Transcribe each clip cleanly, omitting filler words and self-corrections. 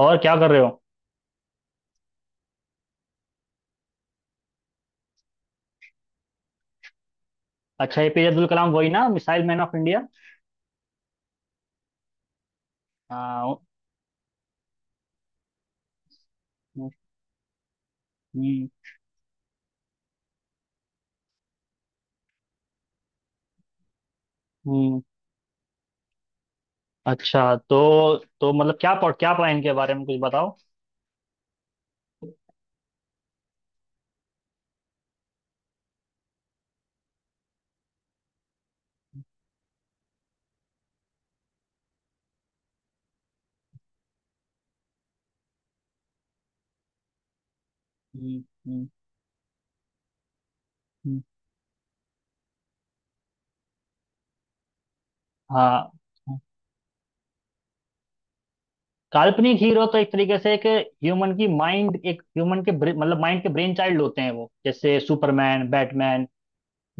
और क्या कर रहे हो? अच्छा, एपीजे अब्दुल कलाम, वही ना, मिसाइल मैन ऑफ इंडिया। हाँ। हम्म। हम्म, अच्छा। तो मतलब क्या पढ़ा इनके बारे में, कुछ बताओ। हम्म। हम्म, हम्म, हाँ। काल्पनिक हीरो तो एक तरीके से एक ह्यूमन की माइंड, एक ह्यूमन के ब्रे- मतलब माइंड के ब्रेन चाइल्ड होते हैं वो, जैसे सुपरमैन, बैटमैन,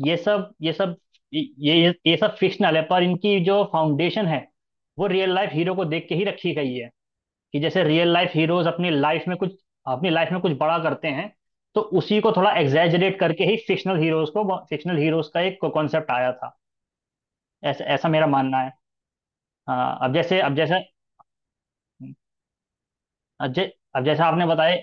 ये सब ये सब फिक्शनल है, पर इनकी जो फाउंडेशन है वो रियल लाइफ हीरो को देख के ही रखी गई है। कि जैसे रियल लाइफ हीरोज अपनी लाइफ में कुछ बड़ा करते हैं, तो उसी को थोड़ा एग्जैजरेट करके ही फिक्शनल हीरोज का एक कॉन्सेप्ट आया था। ऐसा ऐसा मेरा मानना है। हाँ। अब जै, अब जैसे आपने बताया।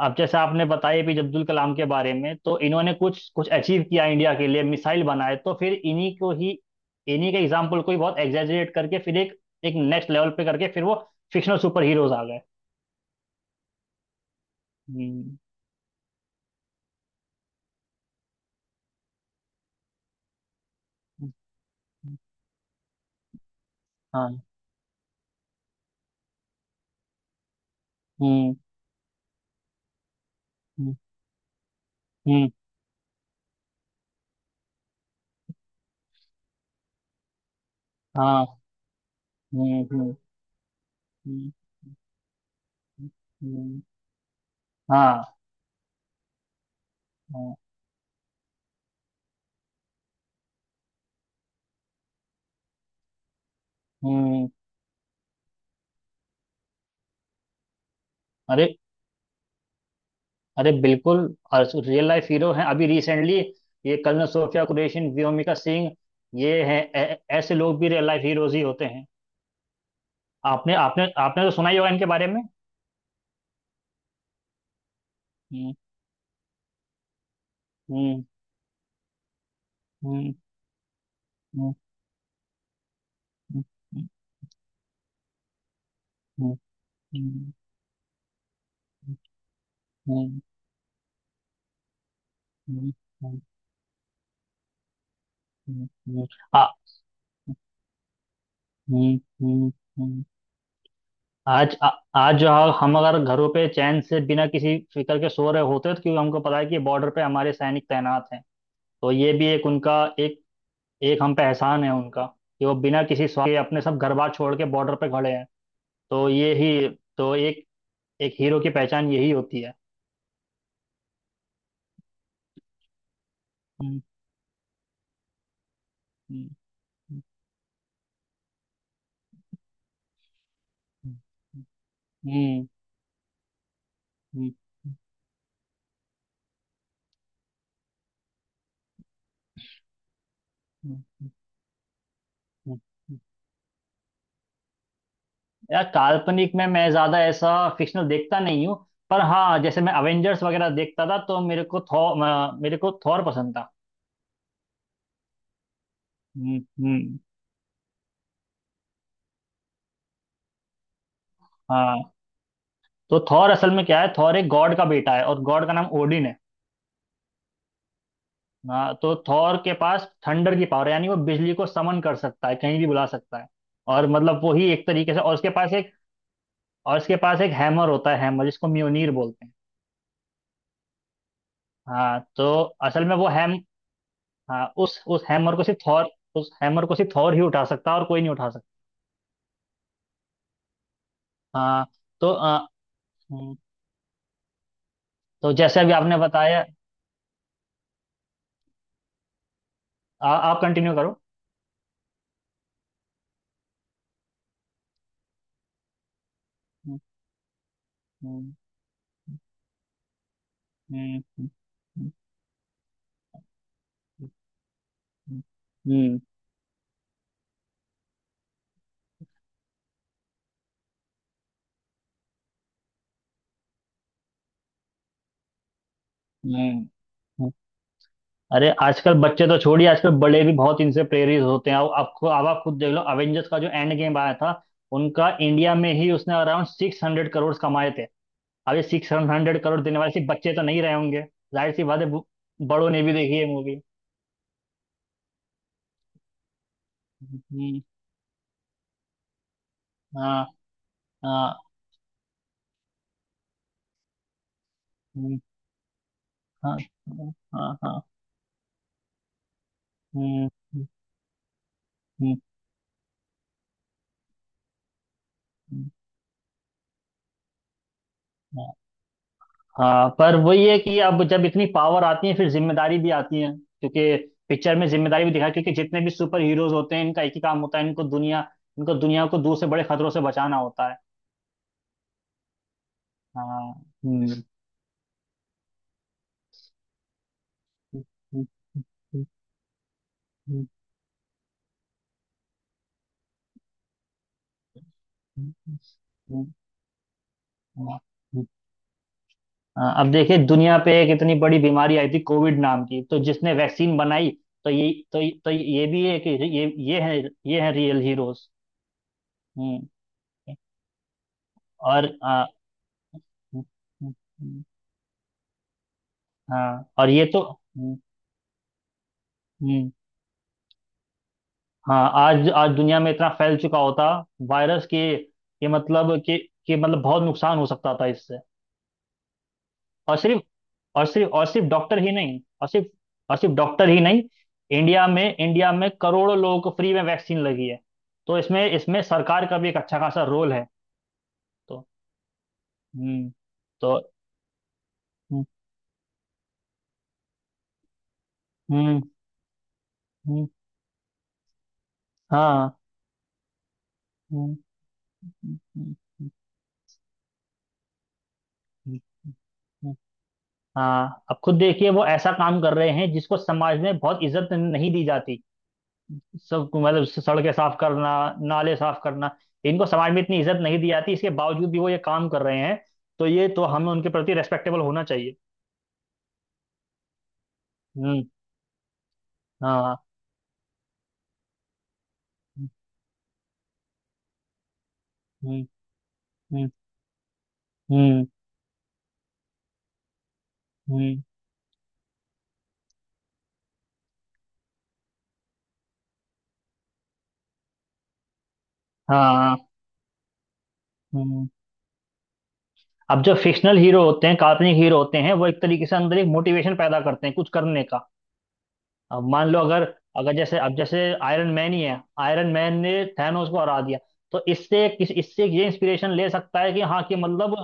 अब जैसे आपने बताया भी अब्दुल कलाम के बारे में, तो इन्होंने कुछ कुछ अचीव किया इंडिया के लिए, मिसाइल बनाए। तो फिर इन्हीं के एग्जाम्पल को ही बहुत एग्जैजरेट करके फिर एक एक नेक्स्ट लेवल पे करके फिर वो फिक्शनल सुपर हीरोज आ गए। हम्म, हम्म, हाँ। हम्म। हम्म। हम्म। हाँ। हम्म। हम्म। हम्म। हम्म, हाँ। हाँ, हम्म। अरे, बिल्कुल। और रियल लाइफ हीरो हैं अभी रिसेंटली, ये कर्नल सोफिया कुरैशी, व्योमिका सिंह। ये हैं, ऐसे लोग भी रियल लाइफ हीरोज ही होते हैं। आपने आपने आपने तो सुना ही होगा इनके बारे में। हम्म। हम्म। हम्म। हम्म। हम्म। हम्म। हम्म। हम्म। हम्म। हम्म। हम्म, हम्म, हम्म, आ-, हम्म। हम्म, आज आ, आज जो, हम अगर घरों पे चैन से बिना किसी फिक्र के सो रहे होते, तो क्योंकि हमको पता है कि बॉर्डर पे हमारे सैनिक तैनात हैं। तो ये भी एक उनका एक एक हम पे एहसान है उनका, कि वो बिना किसी स्वार्थ के अपने सब घर बार छोड़ के बॉर्डर पे खड़े हैं। तो ये ही, तो एक एक हीरो की पहचान यही होती है। हम्म। हम्म। हम्म। हम्म। हम्म। हम्म, हम्म, हम्म, हम्म, यार काल्पनिक में मैं ज्यादा ऐसा फिक्शनल देखता नहीं हूँ। पर हाँ, जैसे मैं अवेंजर्स वगैरह देखता था, तो मेरे को थॉर पसंद था। हम्म। हम्म, हाँ। तो थॉर असल में क्या है, थॉर एक गॉड का बेटा है और गॉड का नाम ओडिन है। हाँ, तो थॉर के पास थंडर की पावर, यानी वो बिजली को समन कर सकता है, कहीं भी बुला सकता है। और मतलब वो ही एक तरीके से, और उसके पास एक हैमर होता है। हैमर जिसको म्योनीर बोलते हैं। हाँ, तो असल में वो हैम, हाँ उस हैमर को सिर्फ थॉर, उस हैमर को सिर्फ थॉर ही उठा सकता है, और कोई नहीं उठा। हाँ। तो आ,, हम्म, तो जैसे अभी आपने बताया, आ, आप कंटिन्यू करो। हम्म। हम्म। हम्म। हम्म, हम्म, हम्म, हम्म। अरे, आजकल बच्चे तो छोड़िए, आजकल बड़े भी बहुत इनसे प्रेरित होते हैं। आप आपको अब आप खुद देख लो, अवेंजर्स का जो एंड गेम आया था, उनका इंडिया में ही उसने अराउंड सिक्स हंड्रेड करोड़ कमाए थे। अब ये सिक्स हंड्रेड करोड़ देने वाले सिर्फ बच्चे तो नहीं रहे होंगे। जाहिर सी बात है, बड़ों ने भी देखी है मूवी। हम्म। हाँ, हाँ। हम्म, हाँ, हाँ, हाँ, हाँ, हम्म, हम्म, हाँ पर वही है कि अब जब इतनी पावर आती है, फिर जिम्मेदारी भी आती है। क्योंकि पिक्चर में जिम्मेदारी भी दिखाई है, क्योंकि जितने भी सुपर हीरोज होते हैं, इनका एक ही काम होता है, इनको दुनिया को दूर से बड़े खतरों से बचाना होता है। हाँ। हम्म। हाँ, अब देखिए, दुनिया पे एक इतनी बड़ी बीमारी आई थी, कोविड नाम की, तो जिसने वैक्सीन बनाई, तो ये तो ये भी है कि ये ये है, ये है रियल हीरोज। हम्म। और आ,, हाँ और ये तो, हम्म। हम्म, हाँ। आज, आज दुनिया में इतना फैल चुका होता, वायरस के, के मतलब बहुत नुकसान हो सकता था इससे। और सिर्फ, और सिर्फ डॉक्टर ही नहीं, और सिर्फ, और सिर्फ डॉक्टर ही नहीं। इंडिया में करोड़ों लोगों को फ्री में वैक्सीन लगी है। तो इसमें इसमें सरकार का भी एक अच्छा खासा रोल है। तो, हम्म, तो, हम्म। हम्म। हम्म, हाँ। हम्म, हम्म, हम्म, हम्म, हम्म, हाँ, अब खुद देखिए वो ऐसा काम कर रहे हैं जिसको समाज में बहुत इज्जत नहीं दी जाती। सब मतलब सड़कें साफ करना, नाले साफ करना, इनको समाज में इतनी इज्जत नहीं दी जाती। इसके बावजूद भी वो ये काम कर रहे हैं। तो ये तो हमें उनके प्रति रेस्पेक्टेबल होना चाहिए। हम्म। हाँ। हम्म। हम्म। हम्म। हम्म, हाँ, हम्म। अब जो फिक्शनल हीरो होते हैं, काल्पनिक हीरो होते हैं, वो एक तरीके से अंदर एक मोटिवेशन पैदा करते हैं कुछ करने का। अब मान लो अगर, अगर जैसे, अब जैसे आयरन मैन ही है आयरन मैन ने थैनोस को हरा दिया, तो इससे किस, इससे ये इंस्पिरेशन ले सकता है, कि हाँ, कि मतलब,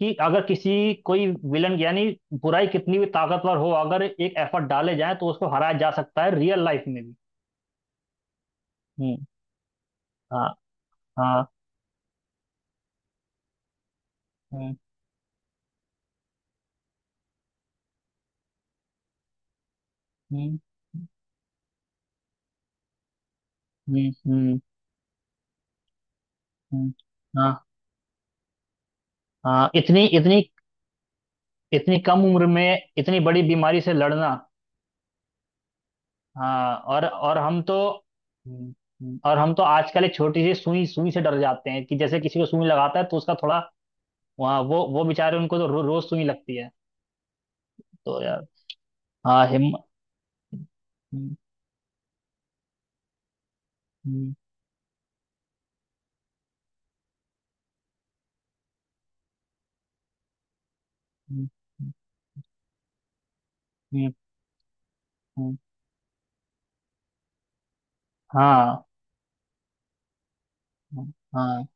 कि अगर किसी, कोई विलन यानी बुराई कितनी भी ताकतवर हो, अगर एक एफर्ट डाले जाए, तो उसको हराया जा सकता है रियल लाइफ में भी। हम्म। हाँ। हाँ। हम्म। हम्म। हम्म। हम्म। हम्म, हाँ। हाँ, इतनी, इतनी, इतनी कम उम्र में इतनी बड़ी बीमारी से लड़ना। हाँ, और हम तो आजकल एक छोटी सी सुई, सुई से डर जाते हैं, कि जैसे किसी को सुई लगाता है तो उसका थोड़ा, वहाँ वो बेचारे उनको तो रोज सुई लगती है। तो यार, हाँ हिम, हाँ, हाँ,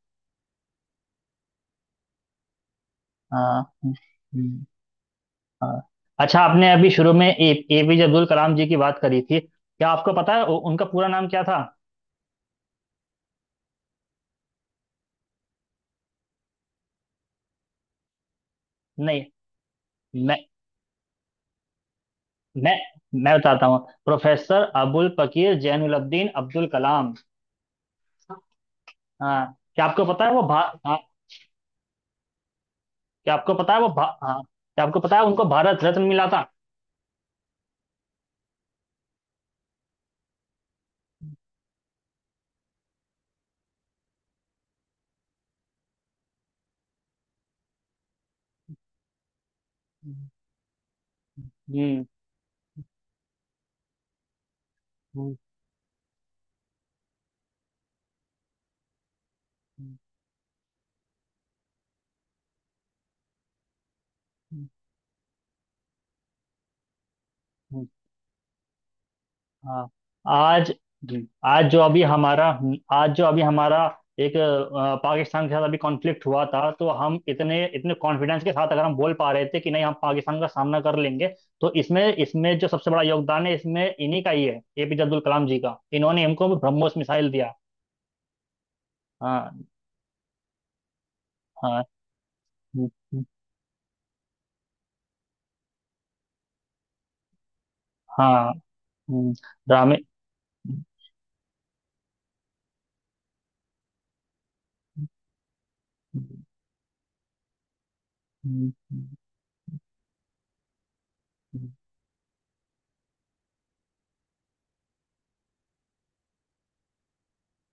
हाँ, हम्म, हाँ। अच्छा, आपने अभी शुरू में ए, एपीजे अब्दुल कलाम जी की बात करी थी। क्या आपको पता है उनका पूरा नाम क्या था? नहीं, मैं मैं बताता हूँ, प्रोफेसर अबुल फकीर जैनुलब्दीन अब्दुल कलाम। हाँ, क्या आपको पता है वो भा, हाँ क्या आपको पता है वो भा हाँ क्या आपको पता है उनको भारत रत्न मिला था? हम्म। हम्म, हम्म, हम्म, हाँ। आज, जी, आज जो अभी हमारा एक अ, पाकिस्तान के साथ अभी कॉन्फ्लिक्ट हुआ था, तो हम इतने इतने कॉन्फिडेंस के साथ अगर हम बोल पा रहे थे कि नहीं, हम पाकिस्तान का सामना कर लेंगे, तो इसमें इसमें जो सबसे बड़ा योगदान है, इसमें इन्हीं का ही है, एपीजे अब्दुल कलाम जी का। इन्होंने हमको ब्रह्मोस मिसाइल दिया। हाँ। हाँ, हम्म, हम्म, हाँ, हम्म, रामे, हम्म, हम्म, हम्म,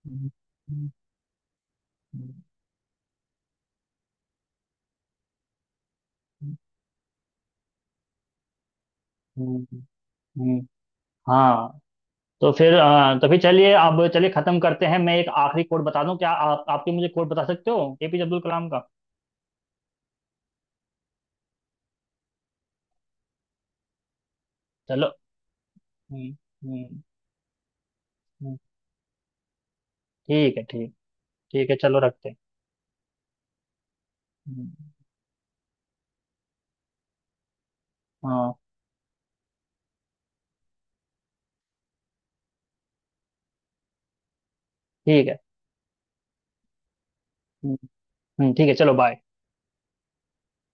हम्म, हम्म, हम्म, हम्म, हाँ। तो फिर अ,, तो फिर चलिए, अब चलिए खत्म करते हैं। मैं एक आखिरी कोट बता दूं। क्या आप, आपके, मुझे कोट बता सकते हो एपीजे अब्दुल कलाम का? चलो, हम्म, हम्म, हम्म, ठीक है। ठीक, ठीक है चलो, रखते हैं। हम्म, हाँ, ठीक है। हम्म, ठीक है चलो, बाय।